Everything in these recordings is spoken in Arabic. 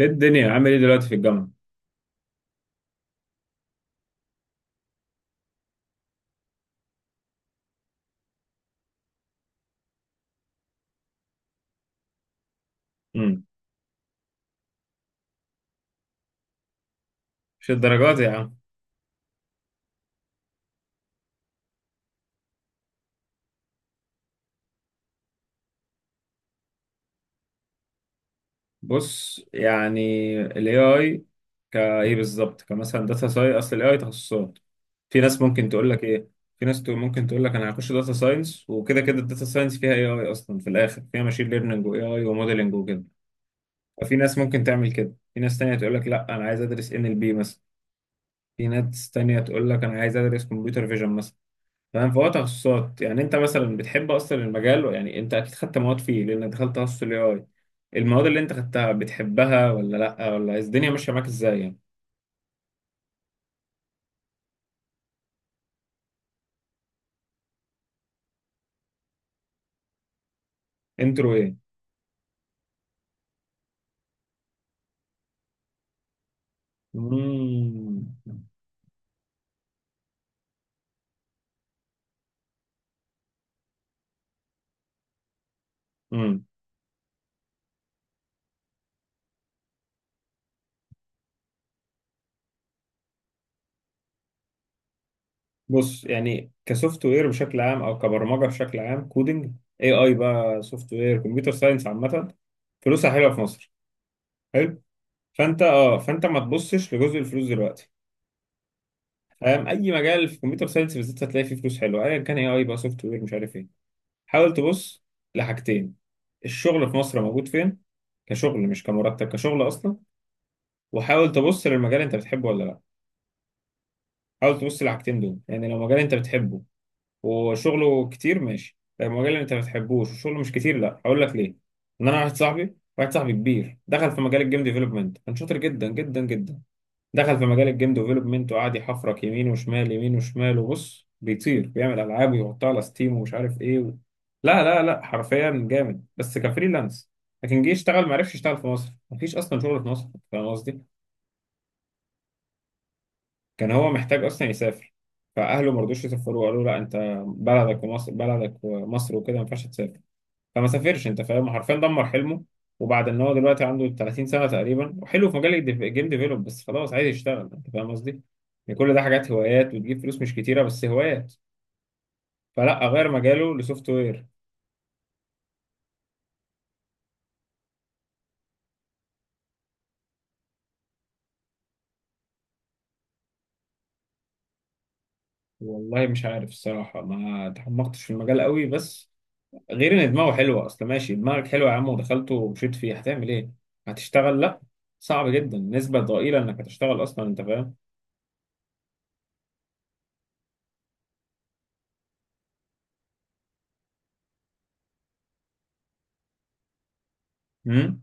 ايه الدنيا عامل ايه دلوقتي في الجامعة؟ امم. مش الدرجات يا عم. بص، يعني ال AI كايه بالظبط، كمثلا داتا ساينس، اصل ال AI تخصصات. في ناس ممكن تقول لك ايه، ممكن تقول لك انا هخش داتا ساينس، وكده كده الداتا ساينس فيها AI اصلا، في الاخر فيها ماشين ليرنينج و AI وموديلنج وكده. ففي ناس ممكن تعمل كده، في ناس تانية تقول لك لا، انا عايز ادرس NLP مثلا. في ناس تانية تقول لك انا عايز ادرس كمبيوتر فيجن مثلا. فاهم؟ فهو تخصصات، يعني انت مثلا بتحب اصلا المجال؟ يعني انت اكيد خدت مواد فيه لانك دخلت تخصص الاي اي. المواد اللي انت خدتها بتحبها ولا لا، ولا الدنيا ماشيه معاك ازاي يعني؟ انترو ايه؟ مم. مم. بص، يعني كسوفت وير بشكل عام، او كبرمجه بشكل عام، كودنج، اي اي بقى، سوفت وير، كمبيوتر ساينس عامه، فلوسها حلوه في مصر. حلو. فانت اه، فانت ما تبصش لجزء الفلوس دلوقتي. فاهم؟ اي مجال في كمبيوتر ساينس بالذات هتلاقي فيه فلوس حلوه، ايا كان اي اي بقى، سوفت وير، مش عارف ايه. حاول تبص لحاجتين، الشغل في مصر موجود فين، كشغل مش كمرتب، كشغل اصلا. وحاول تبص للمجال، انت بتحبه ولا لا. حاول تبص للحاجتين دول. يعني لو مجال انت بتحبه وشغله كتير، ماشي. لو مجال انت ما بتحبوش وشغله مش كتير، لا. هقول لك ليه. ان انا، واحد صاحبي كبير، دخل في مجال الجيم ديفلوبمنت، كان شاطر جدا جدا جدا. دخل في مجال الجيم ديفلوبمنت وقعد يحفرك يمين وشمال يمين وشمال، وبص بيطير، بيعمل العاب ويحطها على ستيم ومش عارف ايه لا لا لا، حرفيا جامد، بس كفريلانس. لكن جه يشتغل ما عرفش يشتغل، في مصر مفيش اصلا شغل في مصر. فاهم قصدي؟ كان هو محتاج اصلا يسافر. فاهله ما رضوش يسافروا، قالوا لا انت بلدك ومصر، بلدك ومصر، وكده ما ينفعش تسافر. فما سافرش. انت فاهم، حرفيا دمر حلمه. وبعد ان هو دلوقتي عنده 30 سنه تقريبا، وحلو في مجال الجيم ديفلوب، بس خلاص عايز يشتغل. انت فاهم قصدي؟ يعني كل ده حاجات هوايات، وتجيب فلوس مش كتيره، بس هوايات. فلا، غير مجاله لسوفت وير. والله مش عارف الصراحه، ما تعمقتش في المجال قوي، بس غير ان دماغه حلوه، اصل ماشي، دماغك حلوه يا عم ودخلته ومشيت فيه، هتعمل ايه؟ هتشتغل؟ لا، صعب جدا، نسبه ضئيله انك هتشتغل اصلا. انت فاهم؟ مم؟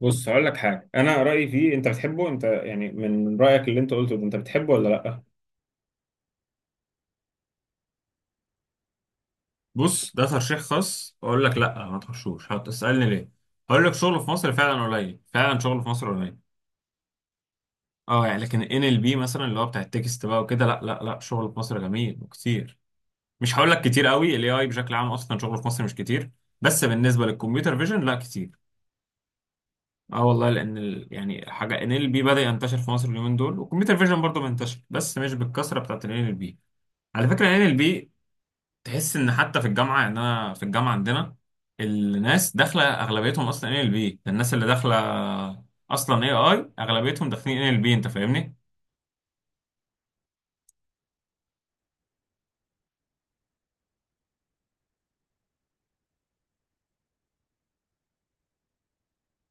بص، هقول لك حاجه. انا رايي فيه انت بتحبه، انت يعني، من رايك اللي انت قلته ده، انت بتحبه ولا لا؟ بص، ده ترشيح خاص، اقول لك لا ما تخشوش. هتسالني ليه. هقول لك، شغل في مصر فعلا قليل، فعلا شغل في مصر قليل. اه يعني، لكن ان ال بي مثلا، اللي هو بتاع التكست بقى وكده، لا لا لا، شغل في مصر جميل وكتير. مش هقول لك كتير قوي، الاي اي بشكل عام اصلا شغله في مصر مش كتير، بس بالنسبه للكمبيوتر فيجن لا كتير. اه والله، يعني حاجه، ان ال بي بدا ينتشر في مصر اليومين دول، والكمبيوتر فيجن برضه منتشر بس مش بالكثره بتاعت ان ال بي. على فكرة، ان ال بي تحس ان حتى في الجامعة، يعني انا في الجامعة عندنا الناس داخلة اغلبيتهم اصلا ان ال بي. الناس اللي داخلة اصلا اي اي اغلبيتهم داخلين ان ال بي. انت فاهمني؟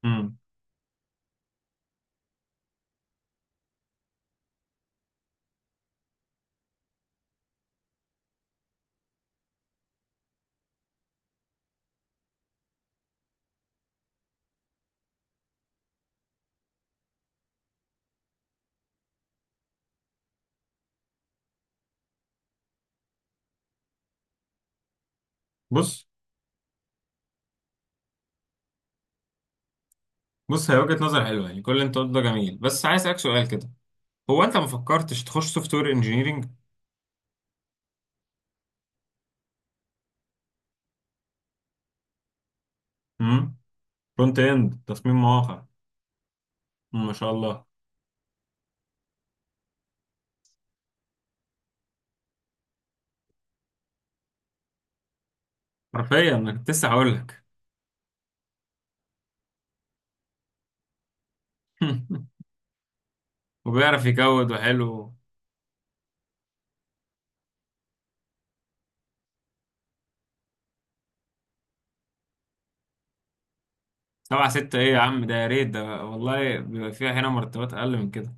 امم. بص، هي وجهة نظر حلوة، يعني كل اللي انت قلته ده جميل، بس عايز اسالك سؤال كده. هو انت ما فكرتش تخش سوفت وير انجينيرنج؟ امم. فرونت اند، تصميم مواقع. مم، ما شاء الله. حرفيا انا كنت لسه هقول لك. وبيعرف يكود وحلو. سبعة ستة ايه يا عم؟ ده يا ريت، ده والله بيبقى فيها هنا مرتبات اقل من كده.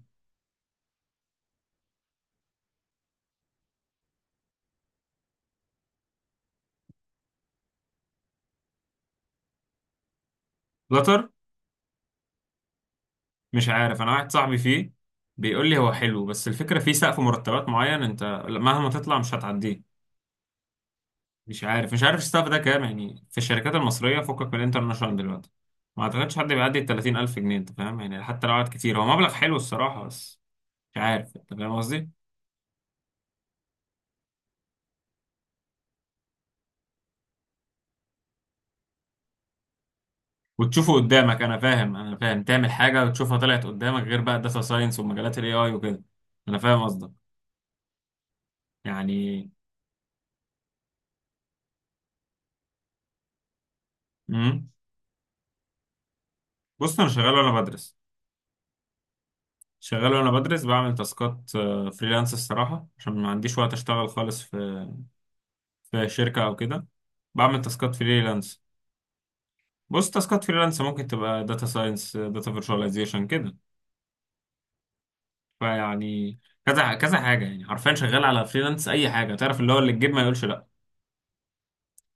فلاتر؟ مش عارف، انا واحد صاحبي فيه بيقول لي هو حلو، بس الفكره فيه سقف مرتبات معين، انت مهما تطلع مش هتعديه. مش عارف، مش عارف السقف ده كام، يعني في الشركات المصريه، فكك من الانترناشونال دلوقتي، ما اعتقدش حد بيعدي ال 30000 جنيه. انت فاهم يعني، حتى لو قعد كتير، هو مبلغ حلو الصراحه، بس مش عارف. انت فاهم قصدي؟ وتشوفه قدامك، انا فاهم، انا فاهم، تعمل حاجه وتشوفها طلعت قدامك، غير بقى الداتا ساينس ومجالات الاي اي وكده. انا فاهم قصدك. يعني، امم. بص، انا شغال وانا بدرس. شغال وانا بدرس، بعمل تاسكات فريلانس الصراحة عشان ما عنديش وقت اشتغل خالص في في شركة او كده. بعمل تاسكات فريلانس. بص، تاسكات فريلانس ممكن تبقى داتا ساينس، داتا فيرتشواليزيشن، كده. فيعني كذا كذا حاجة، يعني حرفيا شغال على فريلانس، اي حاجة تعرف اللي هو اللي تجيب، ما يقولش لا.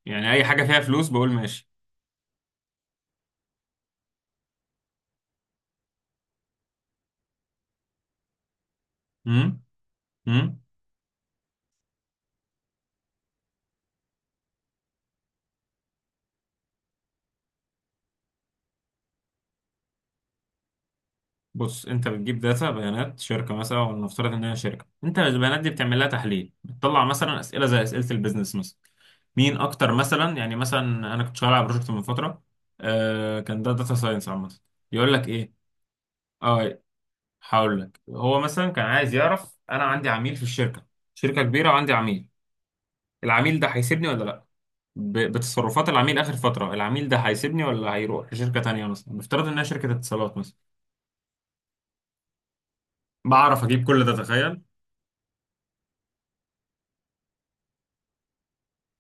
يعني اي حاجة فيها فلوس بقول ماشي. امم. امم. بص، انت بتجيب داتا، بيانات شركة مثلا، ولنفترض ان هي شركة، انت البيانات دي بتعمل لها تحليل، بتطلع مثلا اسئلة زي اسئلة البيزنس مثلا. مين اكتر مثلا، يعني مثلا انا كنت شغال على بروجكت من فتره، كان ده داتا ساينس عامه. يقول لك ايه. اه، هقول لك. هو مثلا كان عايز يعرف، انا عندي عميل في الشركه، شركه كبيره وعندي عميل، العميل ده هيسيبني ولا لا، بتصرفات العميل اخر فتره، العميل ده هيسيبني ولا هيروح لشركه تانيه، مثلا نفترض انها شركه اتصالات مثلا. بعرف اجيب كل ده، تخيل.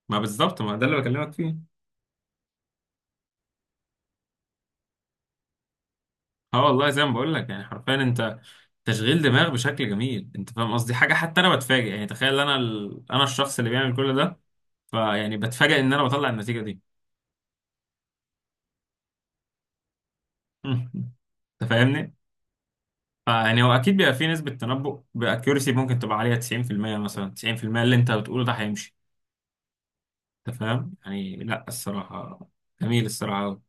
ما بالظبط، ما ده اللي بكلمك فيه. اه والله زي ما بقول لك، يعني حرفيا انت تشغيل دماغ بشكل جميل، انت فاهم قصدي. حاجه حتى انا بتفاجئ، يعني تخيل انا الشخص اللي بيعمل كل ده، فيعني بتفاجئ ان انا بطلع النتيجه دي. مم. انت فاهمني. فيعني هو اكيد بيبقى فيه نسبه تنبؤ، باكيورسي ممكن تبقى عليها 90% مثلا، 90% اللي انت بتقوله ده هيمشي. انت فاهم يعني؟ لا الصراحه، جميل الصراحه،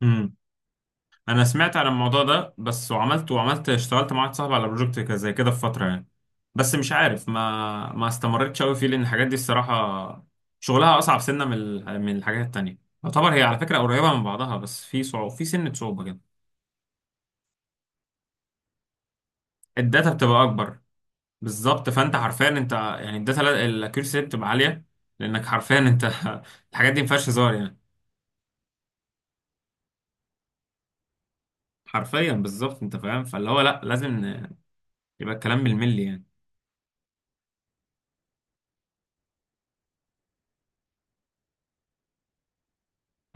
قوي. انا سمعت عن الموضوع ده، بس وعملت، وعملت، اشتغلت مع واحد صاحبي على بروجكت زي كده في فتره يعني، بس مش عارف، ما استمرتش قوي فيه، لان الحاجات دي الصراحه شغلها اصعب سنه، من الحاجات التانية. يعتبر هي على فكره قريبه من بعضها، بس في صعوبه، في سنه صعوبه كده. الداتا بتبقى اكبر، بالظبط. فانت حرفيا انت، يعني الداتا، الاكيورسي بتبقى عاليه، لانك حرفيا انت الحاجات دي ما فيهاش هزار يعني. حرفيا بالظبط. انت فاهم، فاللي هو لا، لازم يبقى الكلام بالملي يعني.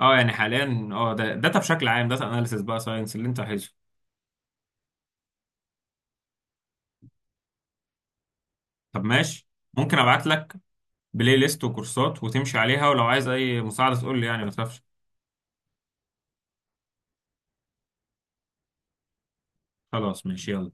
اه يعني حاليا، اه، ده داتا بشكل عام، داتا اناليسيس بقى، ساينس اللي انت عايزه. طب ماشي، ممكن ابعت لك بلاي ليست وكورسات وتمشي عليها، ولو عايز اي مساعدة تقول لي يعني، ما تخافش. خلاص ماشي، يلا.